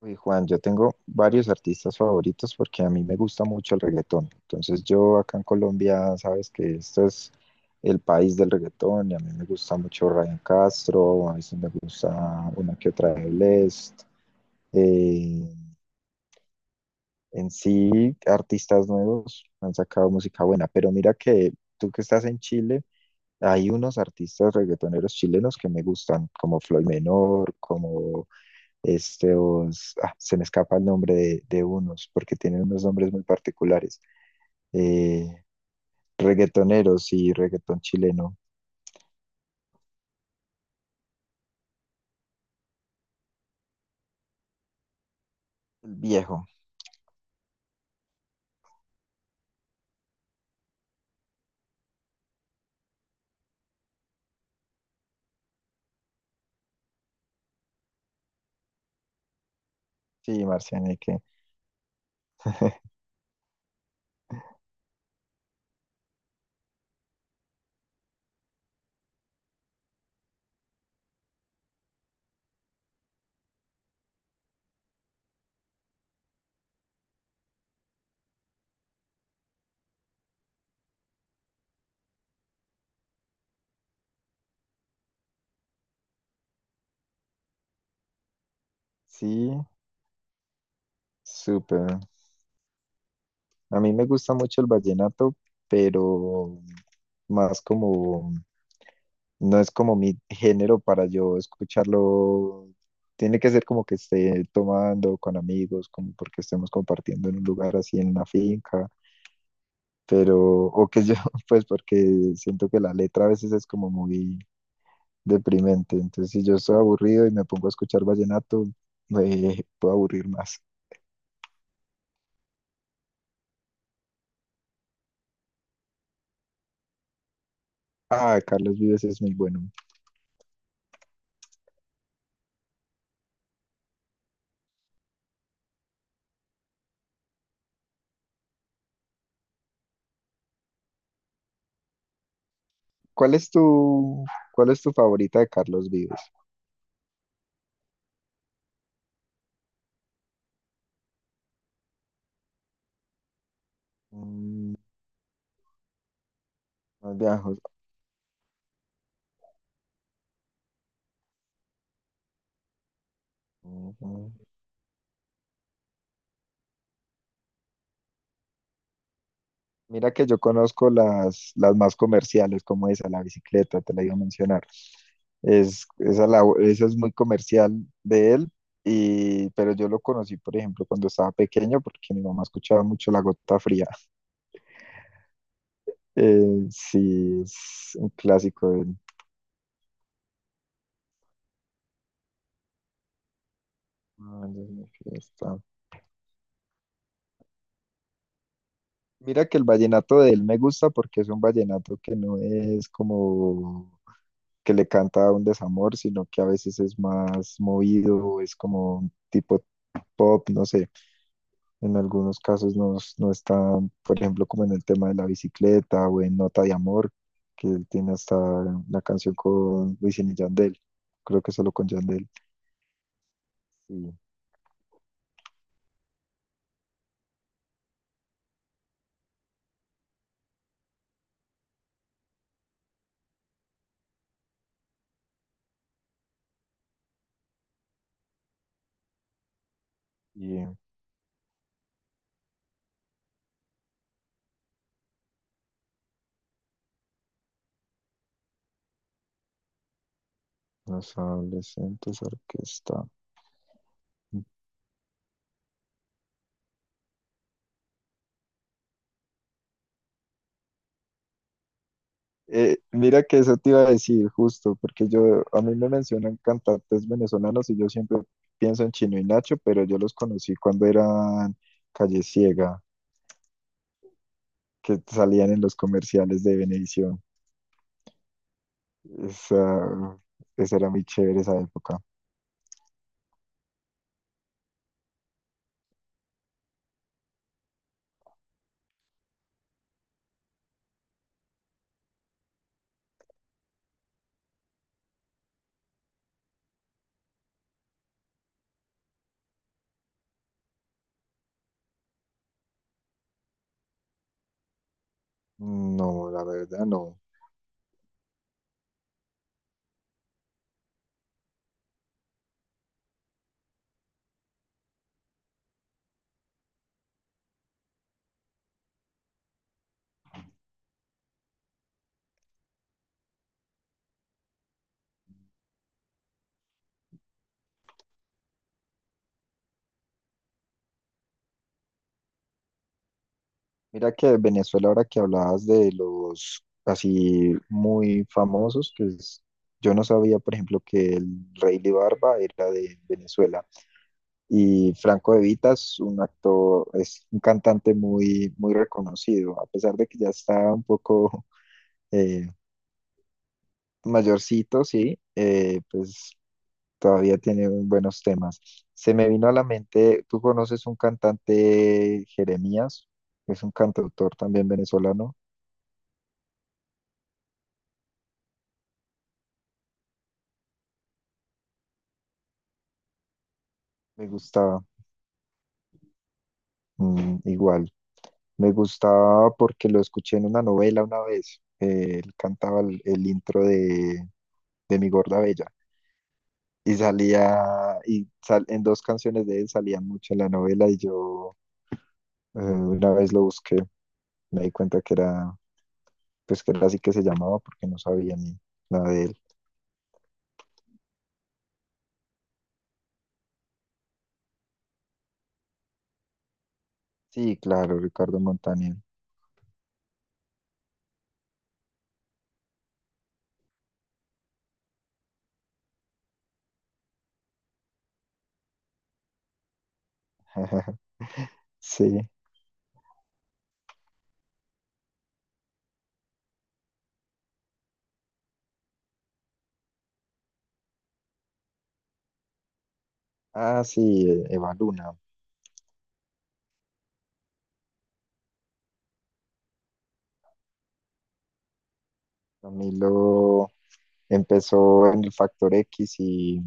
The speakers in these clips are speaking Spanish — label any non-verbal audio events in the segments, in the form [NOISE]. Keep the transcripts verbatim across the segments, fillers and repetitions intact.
Uy, Juan, yo tengo varios artistas favoritos porque a mí me gusta mucho el reggaetón. Entonces yo acá en Colombia, sabes que esto es el país del reggaetón y a mí me gusta mucho Ryan Castro, a veces me gusta una que otra de Blessd. Eh, en sí, artistas nuevos han sacado música buena, pero mira que tú que estás en Chile, hay unos artistas reggaetoneros chilenos que me gustan, como Floyd Menor, como este, os- ah, se me escapa el nombre de, de unos, porque tienen unos nombres muy particulares, eh, reggaetoneros y reggaetón chileno viejo. Sí, Marcianeque. [LAUGHS] Sí, súper. A mí me gusta mucho el vallenato, pero más como, no es como mi género para yo escucharlo. Tiene que ser como que esté tomando con amigos, como porque estemos compartiendo en un lugar así en una finca pero, o que yo, [LAUGHS] pues porque siento que la letra a veces es como muy deprimente, entonces si yo estoy aburrido y me pongo a escuchar vallenato, me [LAUGHS] puedo aburrir más. Ah, Carlos Vives es muy bueno. ¿Cuál es tu, ¿cuál es tu favorita de Carlos Vives? Mm, los viejos. Mira que yo conozco las, las más comerciales, como esa, la bicicleta, te la iba a mencionar. Es, esa, la, esa es muy comercial de él, y, pero yo lo conocí, por ejemplo, cuando estaba pequeño, porque mi mamá escuchaba mucho La Gota Fría. [LAUGHS] Eh, sí, es un clásico de él. Ah, no es mi fiesta. Mira que el vallenato de él me gusta porque es un vallenato que no es como que le canta a un desamor, sino que a veces es más movido, es como un tipo pop, no sé, en algunos casos no, no está, por ejemplo, como en el tema de la bicicleta o en Nota de Amor, que él tiene hasta la canción con Wisin y Yandel, creo que solo con Yandel. Sí, y eh, los adolescentes orquesta. Eh, mira que eso te iba a decir justo, porque yo, a mí me mencionan cantantes venezolanos y yo siempre pienso en Chino y Nacho, pero yo los conocí cuando eran Calle Ciega, que salían en los comerciales de Venevisión. Esa, esa era muy chévere esa época. No, la verdad no. Mira que Venezuela, ahora que hablabas de los así muy famosos, pues yo no sabía, por ejemplo, que el Rey de Barba era de Venezuela. Y Franco De Vita es un actor, es un cantante muy, muy reconocido, a pesar de que ya está un poco eh, mayorcito, sí, eh, pues todavía tiene un- buenos temas. Se me vino a la mente, ¿tú conoces un cantante Jeremías? Es un cantautor también venezolano. Me gustaba, mm, igual. Me gustaba porque lo escuché en una novela una vez. Eh, él cantaba el, el intro de, de Mi Gorda Bella. Y salía, y sal- en dos canciones de él salía mucho en la novela y yo eh, una vez lo busqué, me di cuenta que era, pues que era así que se llamaba porque no sabía ni nada de él. Sí, claro, Ricardo Montaner. [LAUGHS] Sí. Ah, sí, eh, Eva Luna. Camilo empezó en el Factor X y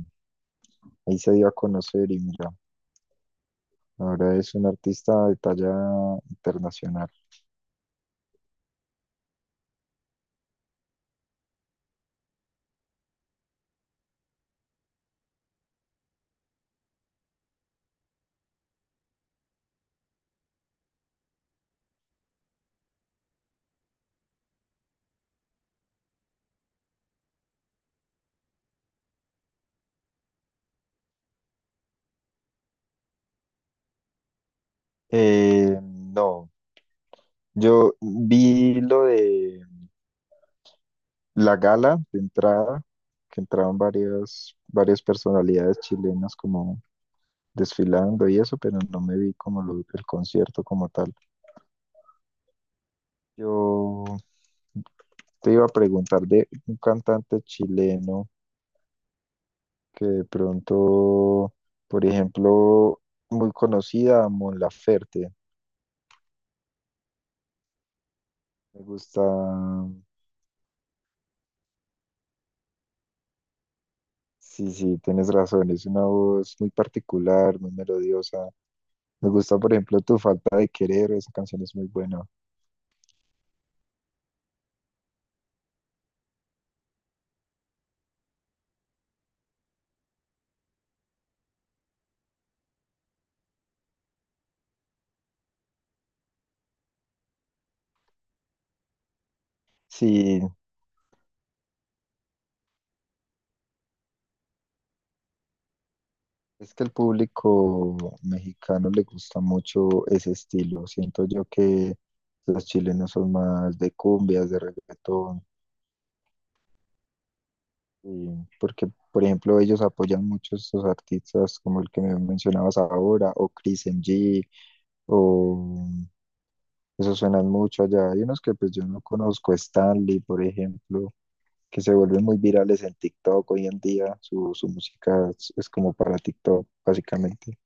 ahí se dio a conocer y mira, ahora es un artista de talla internacional. Eh, no, yo vi lo de la gala de entrada, que entraban varias, varias personalidades chilenas como desfilando y eso, pero no me vi como lo- el concierto como tal. Yo te iba a preguntar de un cantante chileno que de pronto, por ejemplo, muy conocida, Mon Laferte. Me gusta, sí, sí, tienes razón, es una voz muy particular, muy melodiosa. Me gusta, por ejemplo, Tu falta de querer, esa canción es muy buena. Sí, es que al público mexicano le gusta mucho ese estilo. Siento yo que los chilenos son más de cumbias, de reggaetón. Y porque, por ejemplo, ellos apoyan mucho a estos artistas como el que me mencionabas ahora, o Chris M G, o esos suenan mucho allá. Hay unos que pues yo no conozco, Stanley, por ejemplo, que se vuelven muy virales en TikTok hoy en día. Su, su música es, es como para TikTok, básicamente.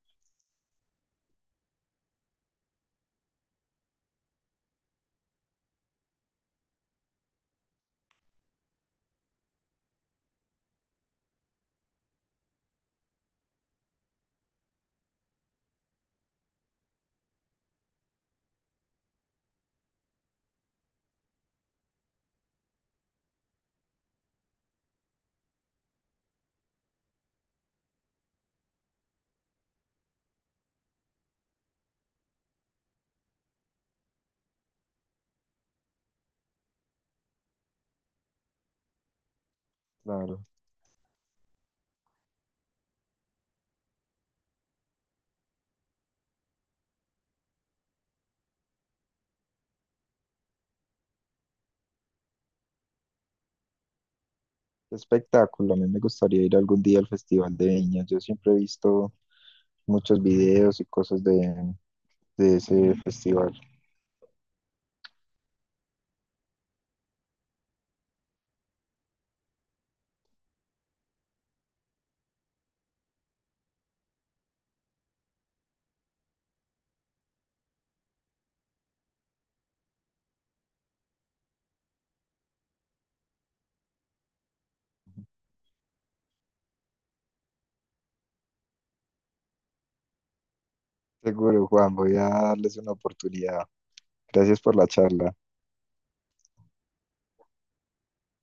Claro. Espectáculo. A mí me gustaría ir algún día al Festival de Viña. Yo siempre he visto muchos videos y cosas de, de ese festival. Seguro, Juan, voy a darles una oportunidad. Gracias por la charla.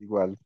Igual.